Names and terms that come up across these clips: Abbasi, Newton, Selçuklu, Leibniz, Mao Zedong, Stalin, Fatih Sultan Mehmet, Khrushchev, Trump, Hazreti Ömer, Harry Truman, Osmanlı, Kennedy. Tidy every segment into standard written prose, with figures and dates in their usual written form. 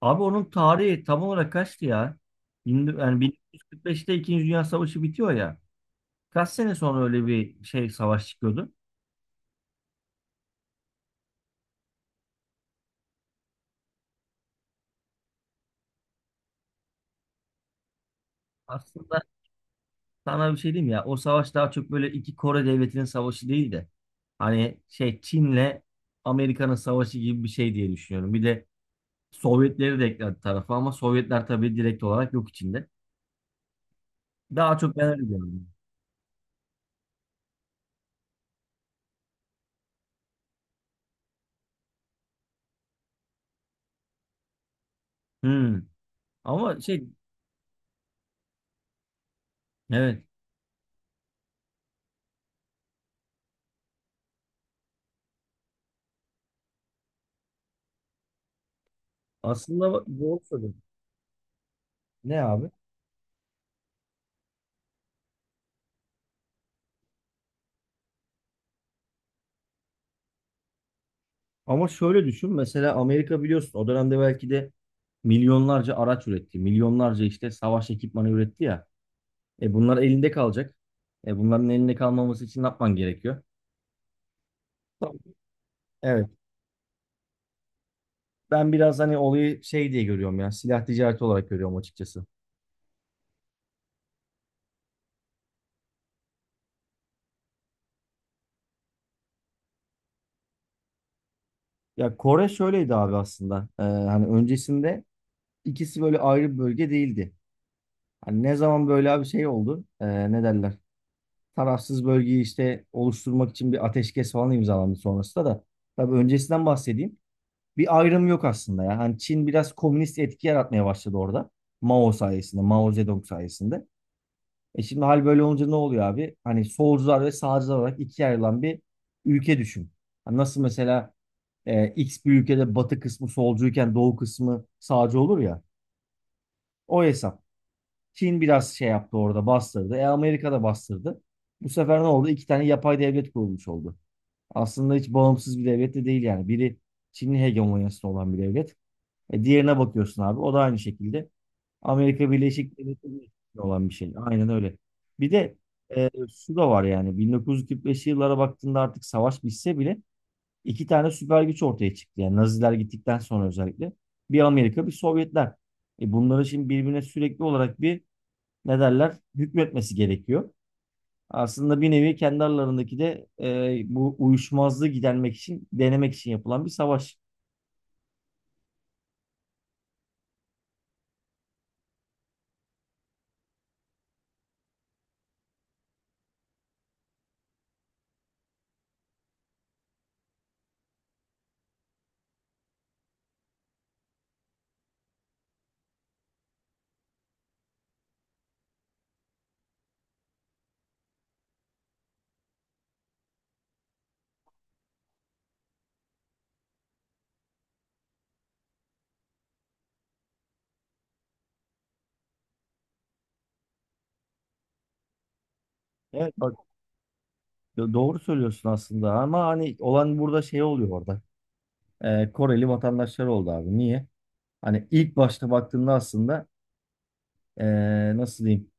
Abi onun tarihi tam olarak kaçtı ya? Bin- Yani 1945'te İkinci Dünya Savaşı bitiyor ya. Kaç sene sonra öyle bir şey savaş çıkıyordu? Aslında sana bir şey diyeyim ya. O savaş daha çok böyle iki Kore devletinin savaşı değil de hani şey Çin'le Amerika'nın savaşı gibi bir şey diye düşünüyorum. Bir de Sovyetleri de ekledi tarafa ama Sovyetler tabii direkt olarak yok içinde. Daha çok ben öyle diyorum. Hmm. Ama şey, evet, aslında ne abi? Ama şöyle düşün, mesela Amerika biliyorsun o dönemde belki de milyonlarca araç üretti. Milyonlarca işte savaş ekipmanı üretti ya. E bunlar elinde kalacak. E bunların elinde kalmaması için ne yapman gerekiyor? Tamam. Evet. Ben biraz hani olayı şey diye görüyorum ya. Silah ticareti olarak görüyorum açıkçası. Ya Kore şöyleydi abi aslında. Hani öncesinde ikisi böyle ayrı bir bölge değildi. Hani ne zaman böyle bir şey oldu? Ne derler? Tarafsız bölgeyi işte oluşturmak için bir ateşkes falan imzalandı sonrasında da. Tabii öncesinden bahsedeyim. Bir ayrım yok aslında ya. Hani Çin biraz komünist etki yaratmaya başladı orada. Mao sayesinde, Mao Zedong sayesinde. E şimdi hal böyle olunca ne oluyor abi? Hani solcular ve sağcılar olarak ikiye ayrılan bir ülke düşün. Hani nasıl mesela X bir ülkede batı kısmı solcuyken doğu kısmı sağcı olur ya. O hesap. Çin biraz şey yaptı orada, bastırdı. E Amerika da bastırdı. Bu sefer ne oldu? İki tane yapay devlet kurulmuş oldu. Aslında hiç bağımsız bir devlet de değil yani. Biri Çin'in hegemonyasında olan bir devlet. E diğerine bakıyorsun abi. O da aynı şekilde Amerika Birleşik Devletleri'nin olan bir şey. Aynen öyle. Bir de şu da var, yani 1945'li yıllara baktığında artık savaş bitse bile iki tane süper güç ortaya çıktı. Yani Naziler gittikten sonra özellikle bir Amerika bir Sovyetler. E bunları şimdi birbirine sürekli olarak bir ne derler hükmetmesi gerekiyor. Aslında bir nevi kendi aralarındaki de bu uyuşmazlığı gidermek için, denemek için yapılan bir savaş. Evet bak, doğru söylüyorsun aslında ama hani olan burada şey oluyor orada. Koreli vatandaşlar oldu abi. Niye? Hani ilk başta baktığında aslında nasıl diyeyim?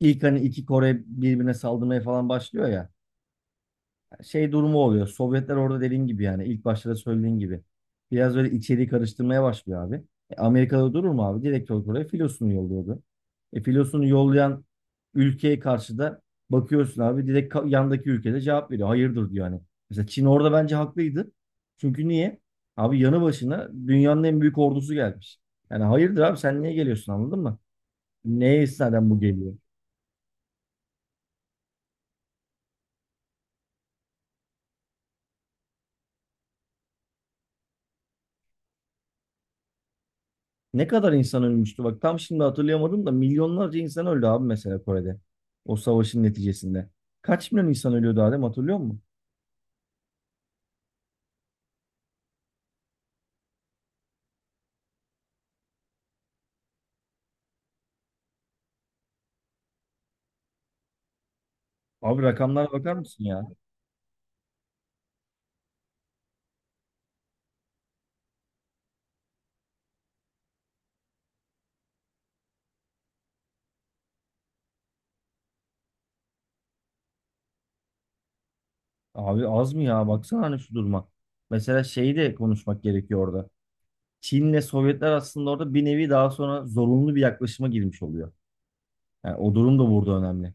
İlk hani iki Kore birbirine saldırmaya falan başlıyor ya. Şey durumu oluyor. Sovyetler orada dediğin gibi, yani ilk başta da söylediğin gibi. Biraz böyle içeriği karıştırmaya başlıyor abi. Amerika'da durur mu abi? Direkt olarak oraya filosunu yolluyordu. Filosunu yollayan ülkeye karşı da bakıyorsun abi direkt yandaki ülkede cevap veriyor. Hayırdır diyor hani. Mesela Çin orada bence haklıydı. Çünkü niye? Abi yanı başına dünyanın en büyük ordusu gelmiş. Yani hayırdır abi sen niye geliyorsun, anladın mı? Neye istinaden bu geliyor? Ne kadar insan ölmüştü? Bak tam şimdi hatırlayamadım da milyonlarca insan öldü abi mesela Kore'de. O savaşın neticesinde. Kaç milyon insan ölüyordu Adem, hatırlıyor musun? Abi rakamlara bakar mısın ya? Abi az mı ya? Baksana hani şu duruma. Mesela şeyi de konuşmak gerekiyor orada. Çin'le Sovyetler aslında orada bir nevi daha sonra zorunlu bir yaklaşıma girmiş oluyor. Yani o durum da burada önemli.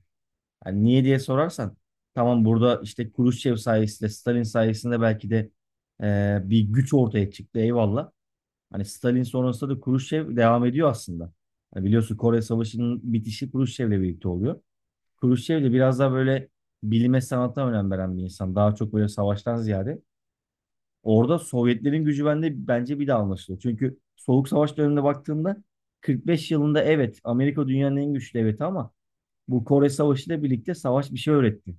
Yani niye diye sorarsan tamam, burada işte Khrushchev sayesinde, Stalin sayesinde belki de bir güç ortaya çıktı, eyvallah. Hani Stalin sonrasında da Kruşçev devam ediyor aslında. Hani biliyorsun Kore Savaşı'nın bitişi Kruşçev'le birlikte oluyor. Kruşçev de biraz daha böyle bilime sanata önem veren bir insan. Daha çok böyle savaştan ziyade. Orada Sovyetlerin gücü bende bence bir daha anlaşılıyor. Çünkü Soğuk Savaş döneminde baktığında 45 yılında evet Amerika dünyanın en güçlü devleti, ama bu Kore Savaşı ile birlikte savaş bir şey öğretti.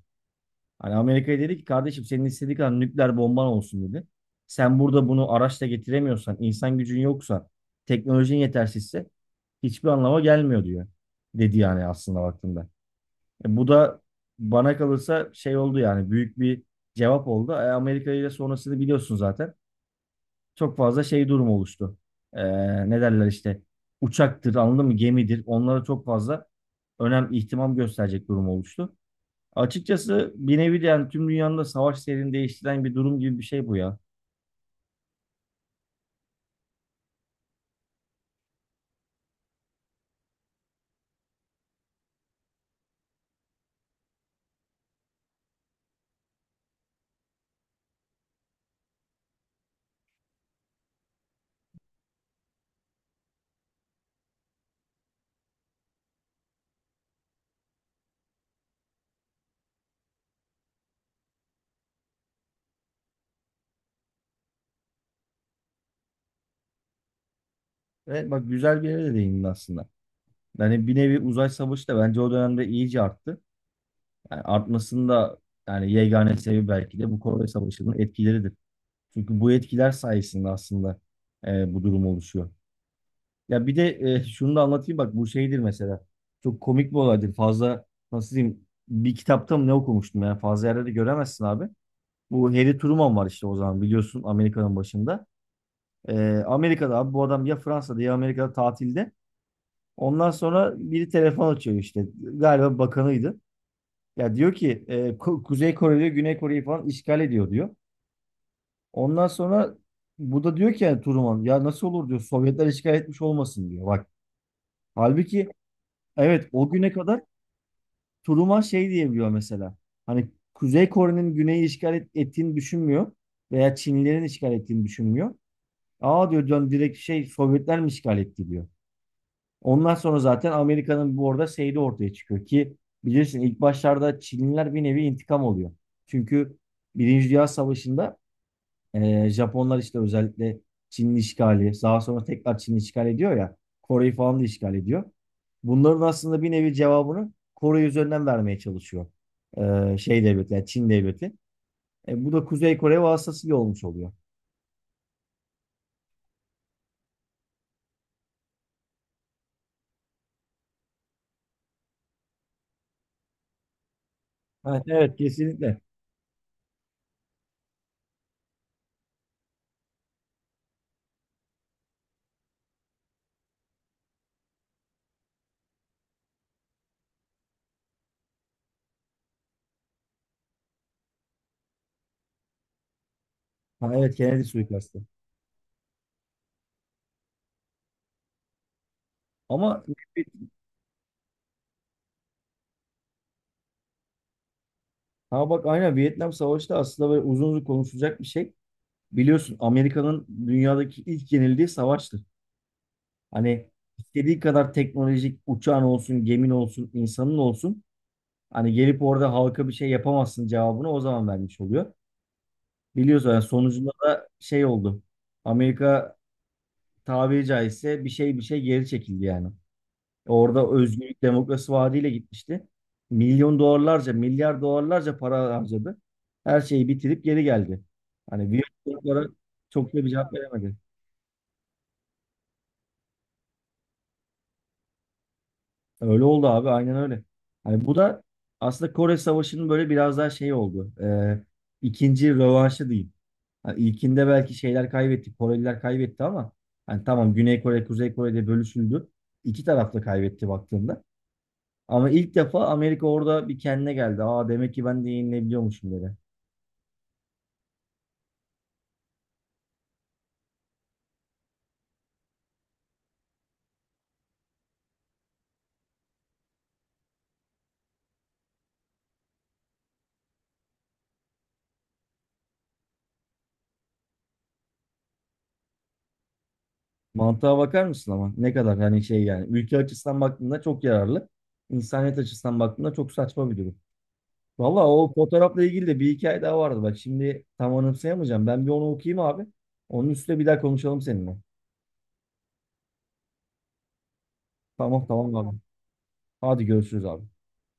Hani Amerika'ya dedi ki kardeşim senin istediğin kadar nükleer bomban olsun dedi. Sen burada bunu araçla getiremiyorsan, insan gücün yoksa, teknolojin yetersizse hiçbir anlama gelmiyor diyor. Dedi, yani aslında baktığında. Bu da bana kalırsa şey oldu, yani büyük bir cevap oldu. Amerika ile sonrasını biliyorsun zaten. Çok fazla şey durum oluştu. E, Ne derler işte, uçaktır anladın mı, gemidir. Onlara çok fazla önem ihtimam gösterecek durum oluştu. Açıkçası bir nevi de yani tüm dünyanın da savaş seyrini değiştiren bir durum gibi bir şey bu ya. Evet bak, güzel bir yere de değindin aslında. Yani bir nevi uzay savaşı da bence o dönemde iyice arttı. Yani artmasının da yani yegane sebebi belki de bu Kore Savaşı'nın etkileridir. Çünkü bu etkiler sayesinde aslında bu durum oluşuyor. Ya bir de şunu da anlatayım, bak bu şeydir mesela. Çok komik bir olaydır. Fazla nasıl diyeyim, bir kitapta mı ne okumuştum, yani fazla yerde de göremezsin abi. Bu Harry Truman var işte, o zaman biliyorsun Amerika'nın başında. Amerika'da abi, bu adam ya Fransa'da ya Amerika'da tatilde. Ondan sonra biri telefon açıyor işte. Galiba bakanıydı. Ya diyor ki Kuzey Kore diyor Güney Kore'yi falan işgal ediyor diyor. Ondan sonra bu da diyor ki yani Truman, ya nasıl olur diyor, Sovyetler işgal etmiş olmasın diyor. Bak halbuki, evet, o güne kadar Truman şey diyebiliyor mesela. Hani Kuzey Kore'nin güneyi ettiğini düşünmüyor veya Çinlilerin işgal ettiğini düşünmüyor. Aa diyor, dön direkt şey, Sovyetler mi işgal etti diyor. Ondan sonra zaten Amerika'nın bu arada şeyi ortaya çıkıyor ki bilirsin ilk başlarda Çinliler bir nevi intikam oluyor. Çünkü Birinci Dünya Savaşı'nda Japonlar işte özellikle Çinli işgali, daha sonra tekrar Çinli işgal ediyor ya, Kore'yi falan da işgal ediyor. Bunların aslında bir nevi cevabını Kore üzerinden vermeye çalışıyor. Şey devleti, yani Çin devleti. Bu da Kuzey Kore vasıtasıyla olmuş oluyor. Ha, evet, kesinlikle. Ha, evet, Kennedy suikastı. Ama ha bak, aynen Vietnam Savaşı da aslında böyle uzun uzun konuşulacak bir şey. Biliyorsun Amerika'nın dünyadaki ilk yenildiği savaştır. Hani istediği kadar teknolojik uçağın olsun, gemin olsun, insanın olsun. Hani gelip orada halka bir şey yapamazsın cevabını o zaman vermiş oluyor. Biliyorsun yani sonucunda da şey oldu. Amerika tabiri caizse bir şey bir şey geri çekildi yani. Orada Özgürlük Demokrasi Vaadi'yle gitmişti. Milyon dolarlarca, milyar dolarlarca para harcadı. Her şeyi bitirip geri geldi. Hani bir sorulara çok da bir cevap veremedi. Öyle oldu abi, aynen öyle. Hani bu da aslında Kore Savaşı'nın böyle biraz daha şey oldu. İkinci rövanşı diyeyim. Hani ilkinde belki şeyler kaybetti, Koreliler kaybetti ama hani tamam, Güney Kore, Kuzey Kore'de bölüşüldü. İki taraf da kaybetti baktığında. Ama ilk defa Amerika orada bir kendine geldi. Aa demek ki ben de yenilebiliyormuşum dedi. Mantığa bakar mısın ama? Ne kadar hani şey yani. Ülke açısından baktığında çok yararlı. İnsaniyet açısından baktığında çok saçma bir durum. Valla o fotoğrafla ilgili de bir hikaye daha vardı. Bak şimdi tam anımsayamayacağım. Ben bir onu okuyayım abi. Onun üstüne bir daha konuşalım seninle. Tamam tamam abi. Hadi görüşürüz abi.